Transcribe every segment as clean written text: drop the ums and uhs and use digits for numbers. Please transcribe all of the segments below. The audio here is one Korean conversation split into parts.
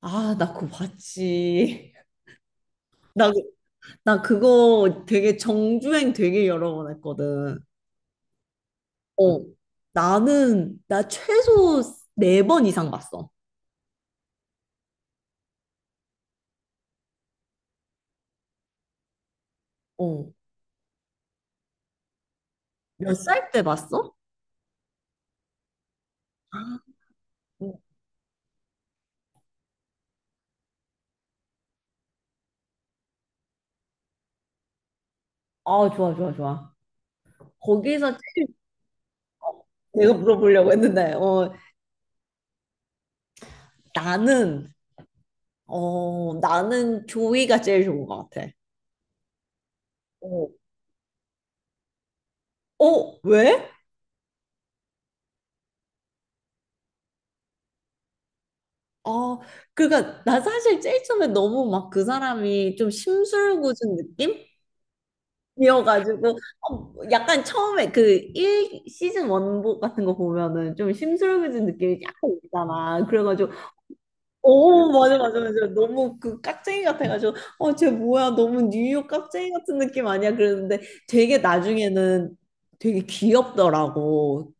아, 나 그거 봤지. 나, 그- 나 그거 되게 정주행 되게 여러 번 했거든. 어. 나 최소 4번 이상 봤어. 어. 몇 살 때 봤어? 아, 응. 아, 좋아, 좋아, 좋아. 거기서 제일 내가 물어보려고 했는데, 나는, 나는 조이가 제일 좋은 것 같아. 어, 어, 왜? 아, 그러니까 나 사실 제일 처음에 너무 막 그 사람이 좀 심술궂은 느낌? 이어가지고 어, 약간 처음에 그 1 시즌 원복 같은 거 보면은 좀 심술궂은 느낌이 약간 있잖아. 그래가지고 오, 맞아, 맞아, 맞아. 너무 그 깍쟁이 같아가지고 어쟤 뭐야, 너무 뉴욕 깍쟁이 같은 느낌 아니야 그랬는데 되게 나중에는 되게 귀엽더라고.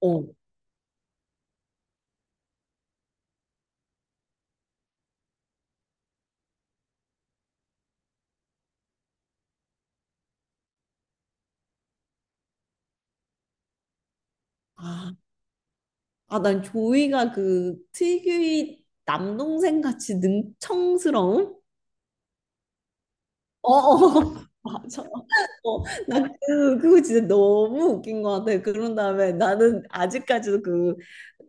어. 아, 아, 난 조이가 그 특유의 남동생 같이 능청스러움? 어, 어, 맞아. 어, 나 그거 진짜 너무 웃긴 것 같아. 그런 다음에 나는 아직까지도 그,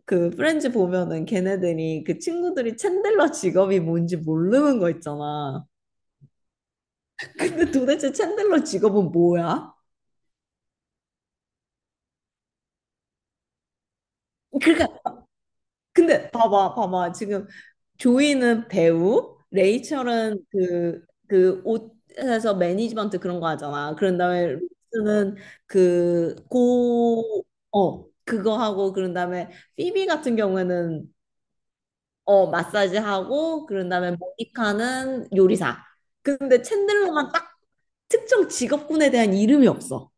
그 프렌즈 보면은 걔네들이 그 친구들이 챈들러 직업이 뭔지 모르는 거 있잖아. 근데 도대체 챈들러 직업은 뭐야? 그러니까 근데 봐봐, 봐봐. 지금 조이는 배우, 레이첼은 그 옷에서 매니지먼트 그런 거 하잖아. 그런 다음에 루스는 그, 고, 어, 그거 하고, 그런 다음에 피비 같은 경우에는 어, 마사지 하고, 그런 다음에 모니카는 요리사. 근데 챈들러만 딱 특정 직업군에 대한 이름이 없어.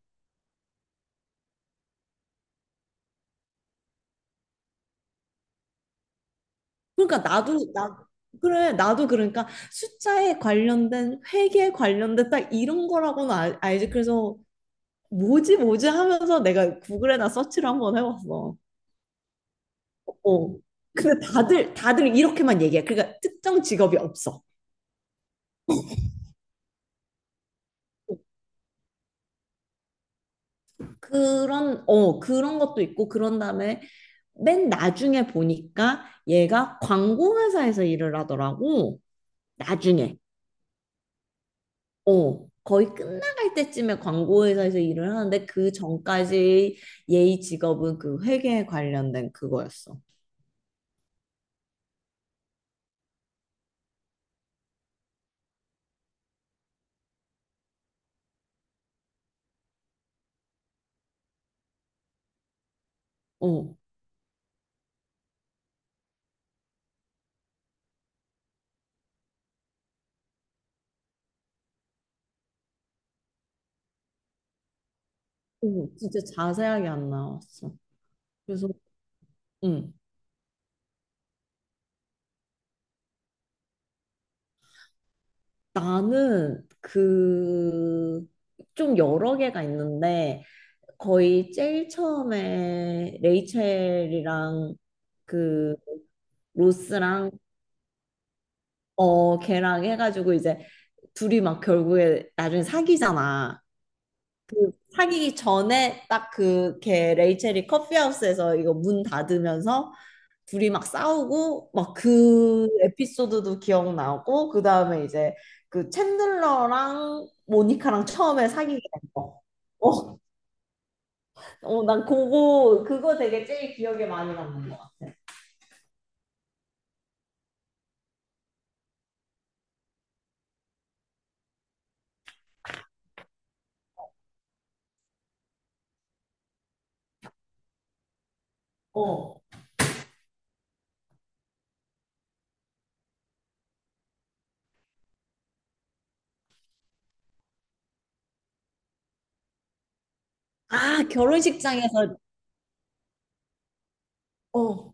그러니까 나도 나 그래 나도 그러니까 숫자에 관련된 회계에 관련된 딱 이런 거라고는 알지. 그래서 뭐지 뭐지 하면서 내가 구글에나 서치를 한번 해봤어. 어, 근데 다들 다들 이렇게만 얘기해. 그러니까 특정 직업이 없어. 그런 것도 있고, 그런 다음에 맨 나중에 보니까 얘가 광고 회사에서 일을 하더라고. 나중에 어, 거의 끝나갈 때쯤에 광고회사에서 일을 하는데, 그 전까지 예의 직업은 그 회계에 관련된 그거였어. 어, 어, 진짜 자세하게 안 나왔어. 그래서 음, 나는 그 좀 여러 개가 있는데 거의 제일 처음에 레이첼이랑 그 로스랑 어 걔랑 해가지고 이제 둘이 막 결국에 나중에 사귀잖아. 그 사귀기 전에 딱 그 걔 레이첼이 커피하우스에서 이거 문 닫으면서 둘이 막 싸우고 막 그 에피소드도 기억나고, 그 다음에 이제 그 챈들러랑 모니카랑 처음에 사귀게 된 거. 어, 어, 난 그거 되게 제일 기억에 많이 남는 것 같아. 어. 아, 결혼식장에서. 어,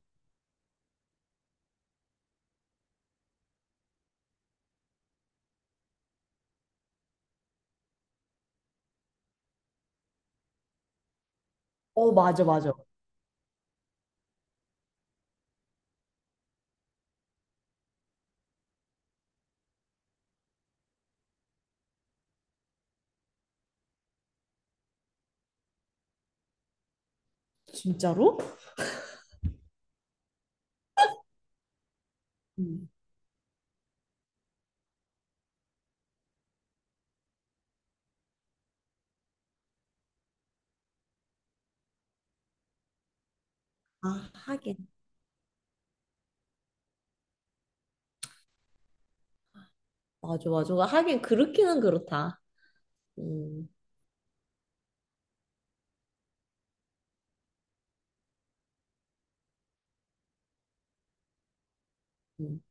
어, 맞아, 맞아. 진짜로? 음. 아, 하긴. 맞아, 맞아. 하긴 그렇기는 그렇다. 음. 음.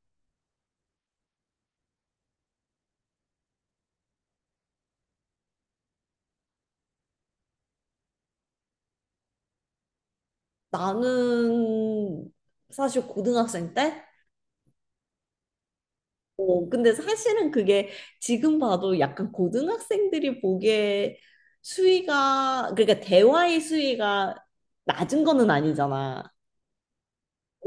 나는 사실 고등학생 때? 어, 근데 사실은 그게 지금 봐도 약간 고등학생들이 보기에 수위가, 그러니까 대화의 수위가 낮은 거는 아니잖아.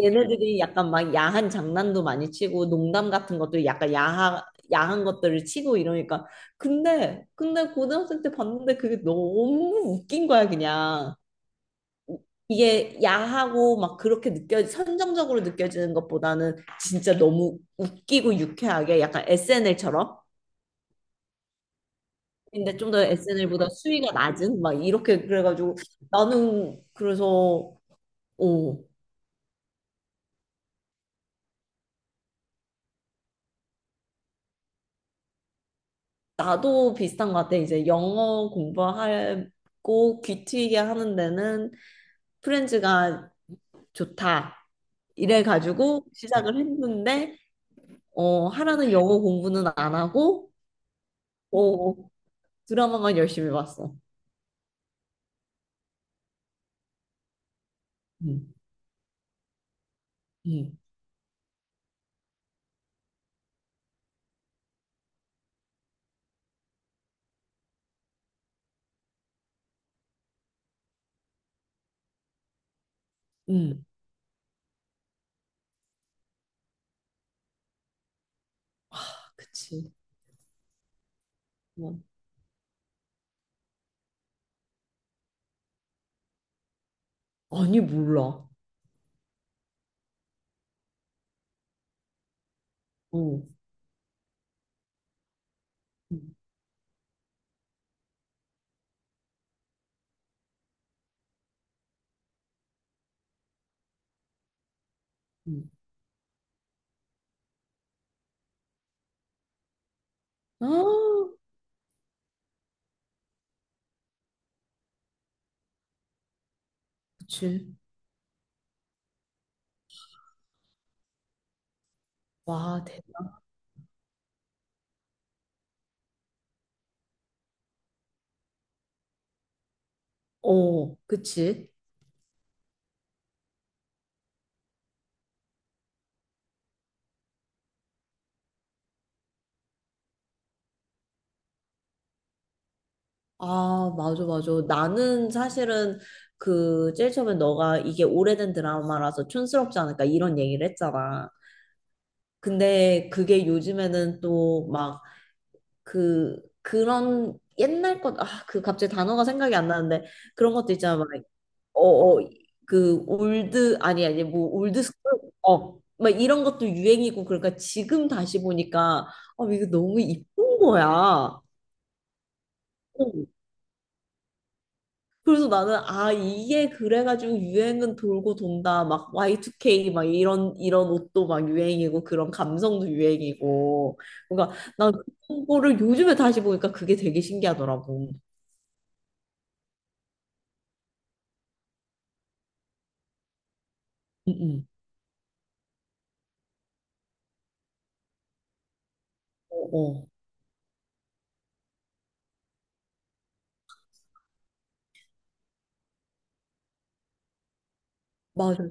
얘네들이 약간 막 야한 장난도 많이 치고 농담 같은 것도 약간 야한 것들을 치고 이러니까. 근데 고등학생 때 봤는데 그게 너무 웃긴 거야, 그냥. 이게 야하고 막 그렇게 느껴 선정적으로 느껴지는 것보다는 진짜 너무 웃기고 유쾌하게 약간 SNL처럼, 근데 좀 더 SNL보다 수위가 낮은 막 이렇게 그래가지고 나는 그래서 오, 나도 비슷한 것 같아. 이제 영어 공부하고 귀 트이게 하는 데는 프렌즈가 좋다 이래 가지고 시작을 했는데 어 하라는 영어 공부는 안 하고 어 드라마만 열심히 봤어. 음. 음. 응. 아, 그치. 어. 아니, 몰라. 어. 응, 응. 아, 그치. 와, 대 어, 그치. 아, 맞아, 맞아. 나는 사실은 그, 제일 처음에 너가 이게 오래된 드라마라서 촌스럽지 않을까 이런 얘기를 했잖아. 근데 그게 요즘에는 또 막 그런 옛날 것, 아, 그 갑자기 단어가 생각이 안 나는데 그런 것도 있잖아. 막 어, 어, 그 올드 아니 아니 뭐 올드 스쿨, 어, 막 이런 것도 유행이고, 그러니까 지금 다시 보니까 어, 이거 너무 이쁜 거야. 어. 그래서 나는 아 이게 그래가지고 유행은 돌고 돈다. 막 Y2K 막 이런 이런 옷도 막 유행이고 그런 감성도 유행이고, 그러니까 난 그런 거를 요즘에 다시 보니까 그게 되게 신기하더라고. 응, 응. 어, 어. 맞아.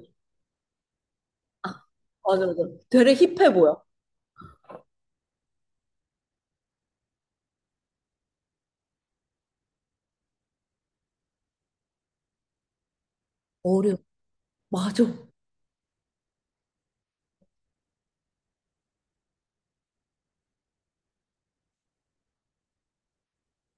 아, 맞아, 맞아. 되레 힙해 보여. 어려. 맞아.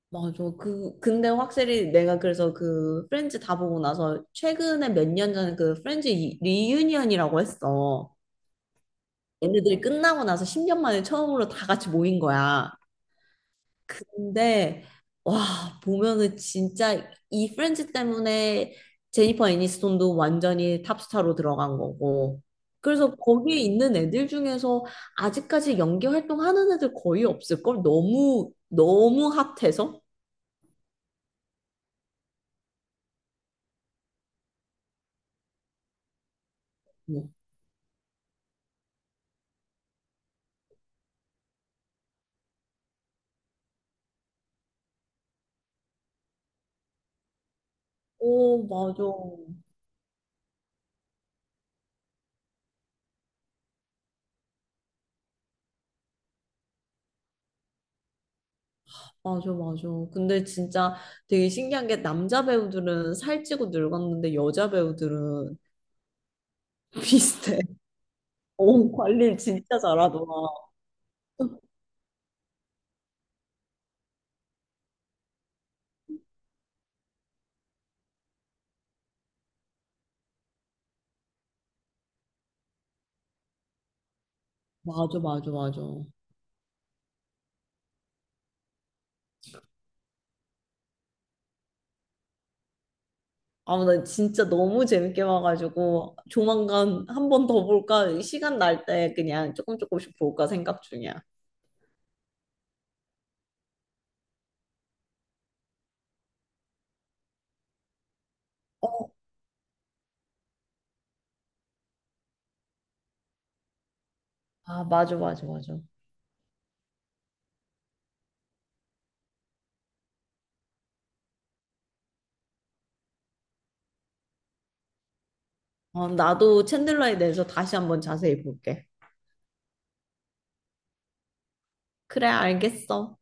맞아. 근데 확실히 내가 그래서 그 프렌즈 다 보고 나서 최근에 몇 년 전에 그 프렌즈 리유니언이라고 했어. 얘네들이 끝나고 나서 10년 만에 처음으로 다 같이 모인 거야. 근데, 와, 보면은 진짜 이 프렌즈 때문에 제니퍼 애니스톤도 완전히 탑스타로 들어간 거고. 그래서 거기에 있는 애들 중에서 아직까지 연기 활동하는 애들 거의 없을걸? 너무, 너무 핫해서? 뭐. 오, 맞아. 맞아, 맞아. 근데 진짜 되게 신기한 게 남자 배우들은 살찌고 늙었는데 여자 배우들은 비슷해. 오, 관리를 진짜 잘하더라. 맞아, 맞아, 맞아. 아, 나 진짜 너무 재밌게 봐가지고 조만간 한 번 더 볼까? 시간 날 때 그냥 조금 조금씩 볼까 생각 중이야. 어, 아, 맞아, 맞아, 맞아. 어, 나도 챈들러에 대해서 다시 한번 자세히 볼게. 그래, 알겠어.